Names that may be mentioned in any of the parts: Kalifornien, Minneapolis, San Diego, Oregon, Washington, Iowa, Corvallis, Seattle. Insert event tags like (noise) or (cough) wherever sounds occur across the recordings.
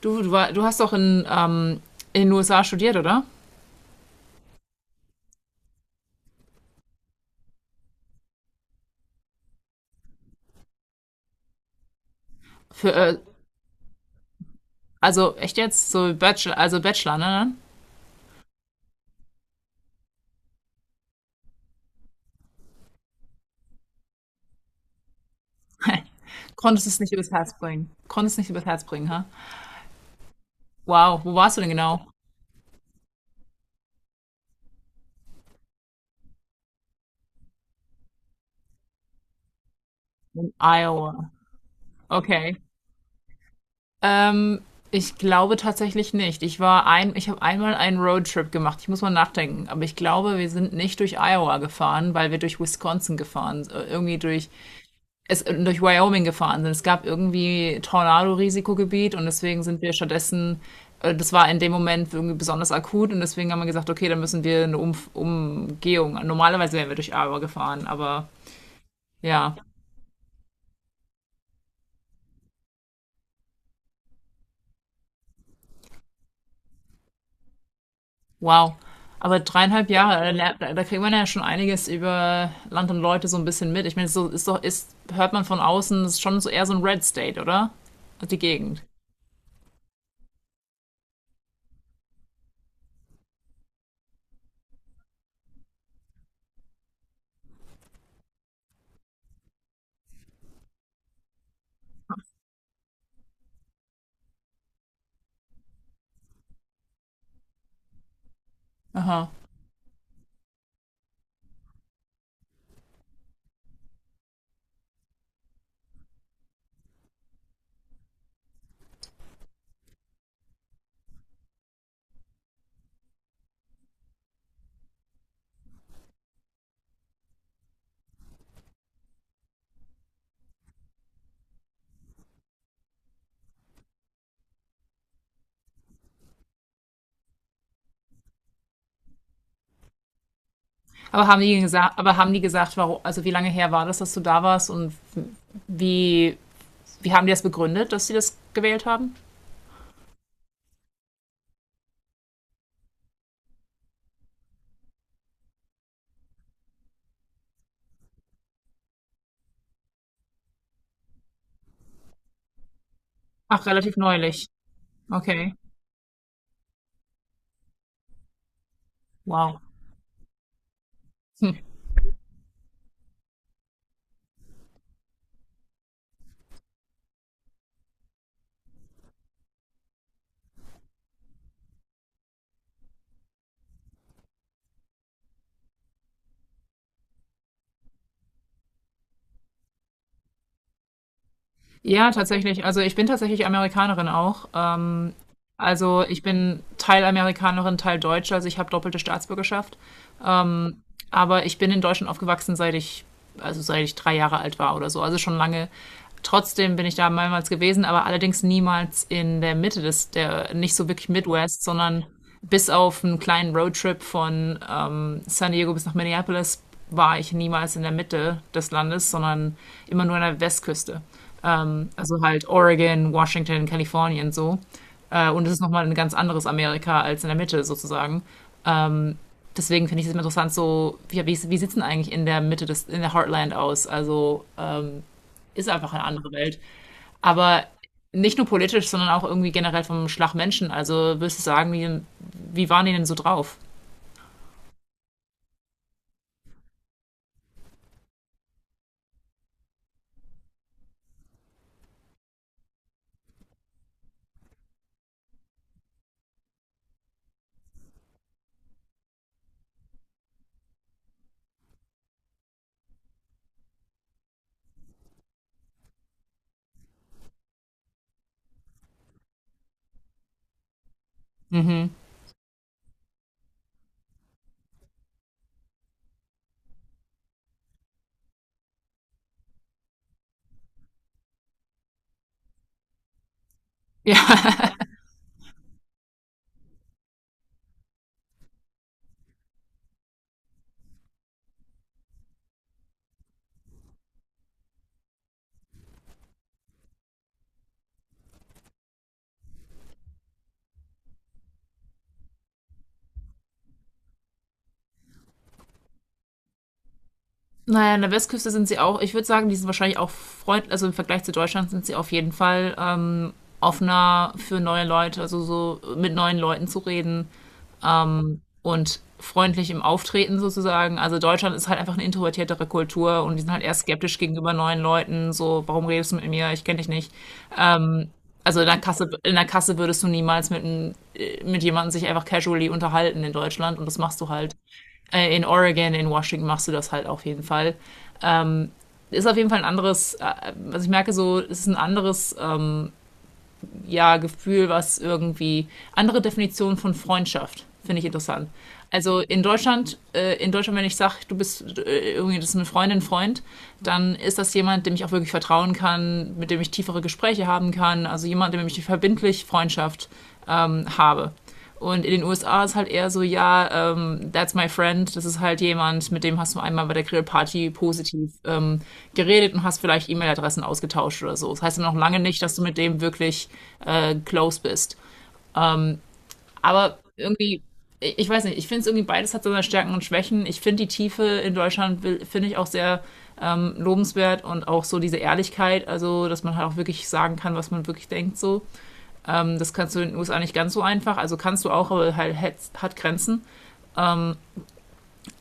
Du hast doch in den USA studiert, oder? Für, äh, also echt jetzt? So Bachelor, also Bachelor, ne? Dann? (laughs) Konntest es nicht übers Herz bringen. Konntest nicht übers Herz bringen, ha? Wow, wo warst du denn genau? In Iowa. Okay. Ähm, Ich glaube tatsächlich nicht. Ich habe einmal einen Roadtrip gemacht. Ich muss mal nachdenken. Aber ich glaube, wir sind nicht durch Iowa gefahren, weil wir durch Wisconsin gefahren sind. Irgendwie durch Wyoming gefahren sind. Es gab irgendwie Tornado-Risikogebiet und deswegen sind wir stattdessen. Das war in dem Moment irgendwie besonders akut und deswegen haben wir gesagt, okay, dann müssen wir eine Umf Umgehung. Normalerweise wären wir durch Iowa gefahren, aber ja, wow. Aber 3,5 Jahre, da, lernt- da da kriegt man ja schon einiges über Land und Leute so ein bisschen mit. Ich meine, so hört man von außen, das ist schon so eher so ein Red State, oder? Die Gegend. Aha. Aber haben die gesagt, warum, also wie lange her war das, dass du da warst und wie, wie haben die das begründet, dass sie das gewählt haben? Ach, relativ neulich. Okay. Wow. Hm. Ja, tatsächlich. Also ich bin tatsächlich Amerikanerin auch. Also ich bin Teil Amerikanerin, Teil Deutsche, also ich habe doppelte Staatsbürgerschaft. Ähm, aber ich bin in Deutschland aufgewachsen, also seit ich 3 Jahre alt war oder so. Also schon lange. Trotzdem bin ich da mehrmals gewesen, aber allerdings niemals in der Mitte nicht so wirklich Midwest, sondern bis auf einen kleinen Roadtrip von San Diego bis nach Minneapolis war ich niemals in der Mitte des Landes, sondern immer nur an der Westküste. Also halt Oregon, Washington, Kalifornien so. Und es ist nochmal ein ganz anderes Amerika als in der Mitte sozusagen, deswegen finde ich es interessant, so, wie sieht es denn eigentlich in der Mitte in der Heartland aus? Also ist einfach eine andere Welt. Aber nicht nur politisch, sondern auch irgendwie generell vom Schlag Menschen. Also würdest du sagen, wie waren die denn so drauf? Mhm. Ja. (laughs) Naja, an der Westküste sind sie auch, ich würde sagen, die sind wahrscheinlich auch freundlich, also im Vergleich zu Deutschland sind sie auf jeden Fall offener für neue Leute, also so mit neuen Leuten zu reden. Und freundlich im Auftreten sozusagen. Also Deutschland ist halt einfach eine introvertiertere Kultur und die sind halt eher skeptisch gegenüber neuen Leuten. So, warum redest du mit mir? Ich kenne dich nicht. Ähm, Also in der Kasse, würdest du niemals mit jemandem sich einfach casually unterhalten in Deutschland und das machst du halt. In Oregon, in Washington machst du das halt auf jeden Fall. Ist auf jeden Fall ein anderes, was ich merke, so, es ist ein anderes ja, Gefühl, was irgendwie andere Definitionen von Freundschaft finde ich interessant. Also in Deutschland, wenn ich sage, du bist irgendwie das ist eine Freundin, Freund, dann ist das jemand, dem ich auch wirklich vertrauen kann, mit dem ich tiefere Gespräche haben kann, also jemand, mit dem ich verbindlich Freundschaft habe. Und in den USA ist halt eher so, ja, that's my friend. Das ist halt jemand, mit dem hast du einmal bei der Grillparty positiv geredet und hast vielleicht E-Mail-Adressen ausgetauscht oder so. Das heißt ja noch lange nicht, dass du mit dem wirklich close bist. Aber irgendwie, ich weiß nicht, ich finde es irgendwie beides hat so seine Stärken und Schwächen. Ich finde die Tiefe in Deutschland finde ich auch sehr lobenswert und auch so diese Ehrlichkeit, also dass man halt auch wirklich sagen kann, was man wirklich denkt so. Das kannst du in den USA nicht ganz so einfach, also kannst du auch, aber halt hat Grenzen.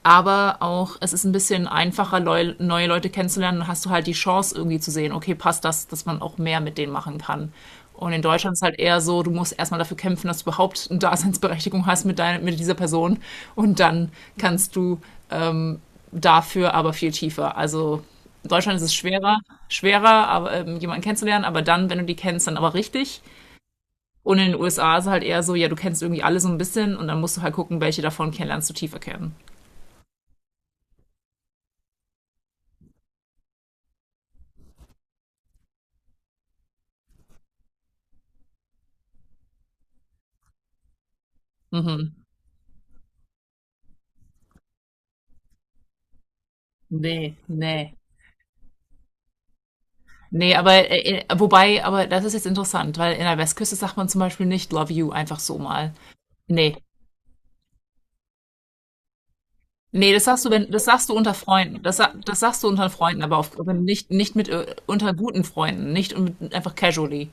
Aber auch es ist ein bisschen einfacher, Leu neue Leute kennenzulernen. Dann hast du halt die Chance irgendwie zu sehen, okay, passt das, dass man auch mehr mit denen machen kann. Und in Deutschland ist halt eher so, du musst erstmal dafür kämpfen, dass du überhaupt eine Daseinsberechtigung hast mit dieser Person. Und dann kannst du ähm, dafür aber viel tiefer. Also in Deutschland ist es schwerer, schwerer, aber, jemanden kennenzulernen, aber dann, wenn du die kennst, dann aber richtig. Und in den USA ist es halt eher so, ja, du kennst irgendwie alle so ein bisschen und dann musst du halt gucken, welche davon kennenlernst du tiefer kennen. Mhm. Nee, nee. Nee, aber wobei, aber das ist jetzt interessant, weil in der Westküste sagt man zum Beispiel nicht Love you einfach so mal. Nee. Nee, das sagst du, wenn, das sagst du unter Freunden. Das sagst du unter Freunden, aber auf, wenn nicht, nicht mit, unter guten Freunden, nicht mit, einfach casually.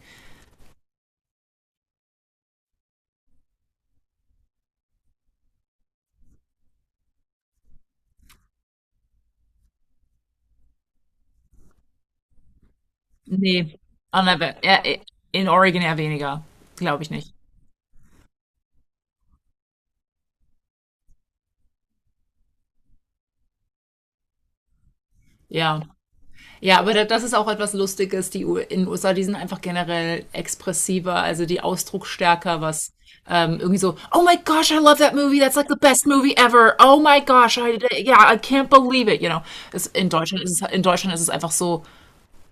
Nee. An der, We- ja, in Oregon eher weniger. Glaube ich nicht. Ja. Ja, aber das ist auch etwas Lustiges. Die U in den USA, die sind einfach generell expressiver, also die ausdrucksstärker, was irgendwie so, oh my gosh, I love that movie, that's like the best movie ever. Oh my gosh, I, yeah, I can't believe it, you know. In Deutschland ist es einfach so,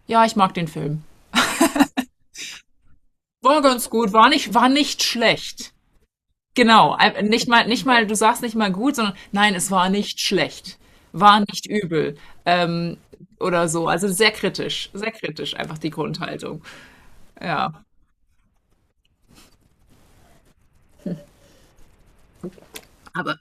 ja, ich mag den Film. War ganz gut, war nicht schlecht. Genau, nicht mal, nicht mal, du sagst nicht mal gut, sondern nein, es war nicht schlecht, war nicht übel, ähm, oder so. Also sehr kritisch einfach die Grundhaltung. Ja. Aber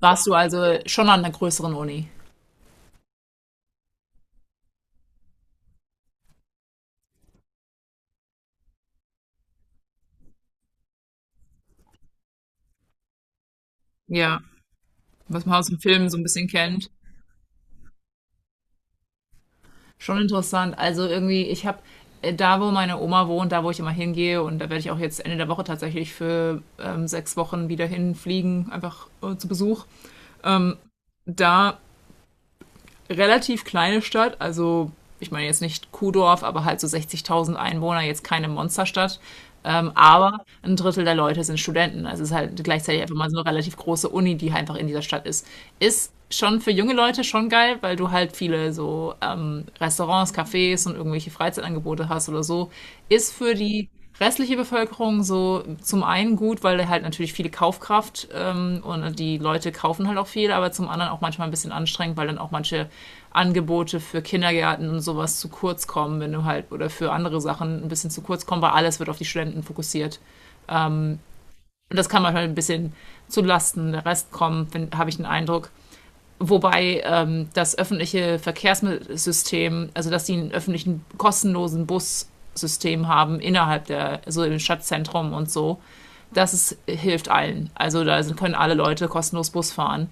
warst du also schon an einer größeren Uni? Ja, was man aus dem Film so ein bisschen kennt. Schon interessant. Also irgendwie, ich habe da, wo meine Oma wohnt, da, wo ich immer hingehe, und da werde ich auch jetzt Ende der Woche tatsächlich für 6 Wochen wieder hinfliegen, einfach zu Besuch. Ähm, Da relativ kleine Stadt, also ich meine jetzt nicht Kuhdorf, aber halt so 60.000 Einwohner, jetzt keine Monsterstadt. Aber ein Drittel der Leute sind Studenten. Also es ist halt gleichzeitig einfach mal so eine relativ große Uni, die halt einfach in dieser Stadt ist. Ist schon für junge Leute schon geil, weil du halt viele so Restaurants, Cafés und irgendwelche Freizeitangebote hast oder so. Ist für die restliche Bevölkerung so zum einen gut, weil halt natürlich viele Kaufkraft und die Leute kaufen halt auch viel, aber zum anderen auch manchmal ein bisschen anstrengend, weil dann auch manche Angebote für Kindergärten und sowas zu kurz kommen, wenn du halt oder für andere Sachen ein bisschen zu kurz kommen, weil alles wird auf die Studenten fokussiert. Und das kann manchmal ein bisschen zu Lasten der Rest kommen, habe ich den Eindruck. Wobei das öffentliche Verkehrssystem, also dass die einen öffentlichen kostenlosen Bus System haben innerhalb der, so im Stadtzentrum und so, das ist, hilft allen. Also da können alle Leute kostenlos Bus fahren.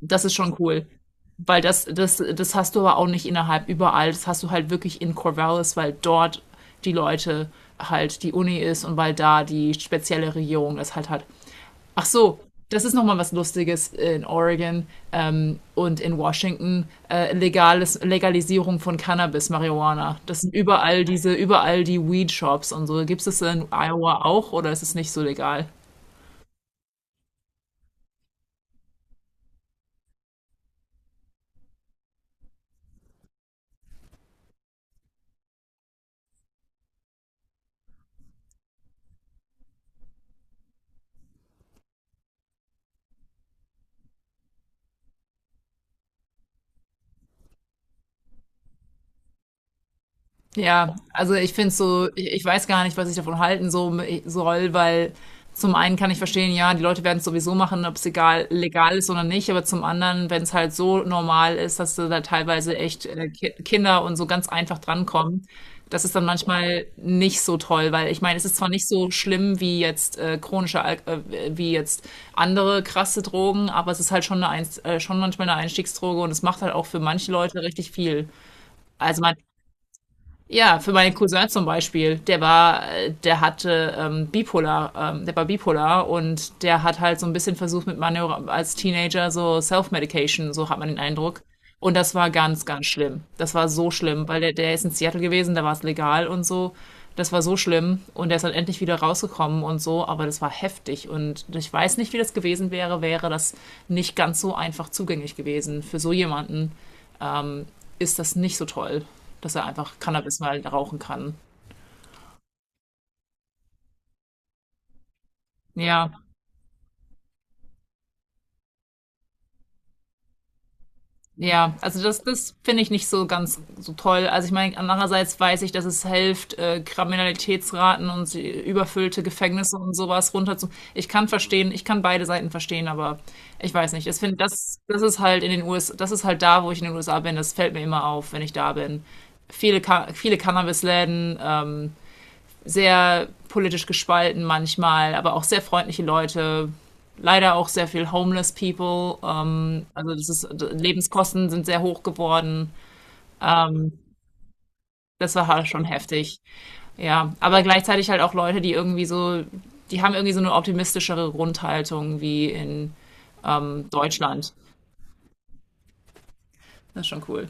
Das ist schon cool. Weil das hast du aber auch nicht innerhalb überall. Das hast du halt wirklich in Corvallis, weil dort die Leute halt die Uni ist und weil da die spezielle Regierung das halt hat. Ach so, das ist nochmal was Lustiges in Oregon und in Washington. Legalisierung von Cannabis, Marihuana. Das sind überall diese, überall die Weed-Shops und so. Gibt es das in Iowa auch oder ist es nicht so legal? Ja, also ich finde so, ich weiß gar nicht, was ich davon halten so, soll, weil zum einen kann ich verstehen, ja, die Leute werden es sowieso machen, ob es egal, legal ist oder nicht, aber zum anderen, wenn es halt so normal ist, dass da teilweise echt Kinder und so ganz einfach drankommen, das ist dann manchmal nicht so toll, weil ich meine, es ist zwar nicht so schlimm wie jetzt chronische, Al wie jetzt andere krasse Drogen, aber es ist halt schon eine Einst schon manchmal eine Einstiegsdroge und es macht halt auch für manche Leute richtig viel. Also man ja, für meinen Cousin zum Beispiel, der war, der hatte bipolar, der war bipolar und der hat halt so ein bisschen versucht mit Manöver als Teenager so Self-Medication, so hat man den Eindruck. Und das war ganz, ganz schlimm. Das war so schlimm, weil der ist in Seattle gewesen, da war es legal und so. Das war so schlimm und der ist dann endlich wieder rausgekommen und so, aber das war heftig und ich weiß nicht, wie das gewesen wäre, wäre das nicht ganz so einfach zugänglich gewesen für so jemanden ähm, ist das nicht so toll, dass er einfach Cannabis mal rauchen kann. Ja, ja, also das finde ich nicht so ganz so toll. Also ich meine, andererseits weiß ich, dass es hilft, Kriminalitätsraten und die überfüllte Gefängnisse und sowas runterzu. Ich kann verstehen, ich kann beide Seiten verstehen, aber ich weiß nicht. Ich finde, das ist halt in den USA, das ist halt da, wo ich in den USA bin. Das fällt mir immer auf, wenn ich da bin. Viele Cannabisläden, sehr politisch gespalten manchmal, aber auch sehr freundliche Leute. Leider auch sehr viel homeless people. Also das ist, Lebenskosten sind sehr hoch geworden. Ähm, Das war halt schon heftig. Ja, aber gleichzeitig halt auch Leute, die irgendwie so, die haben irgendwie so eine optimistischere Grundhaltung wie in Deutschland. Das ist schon cool.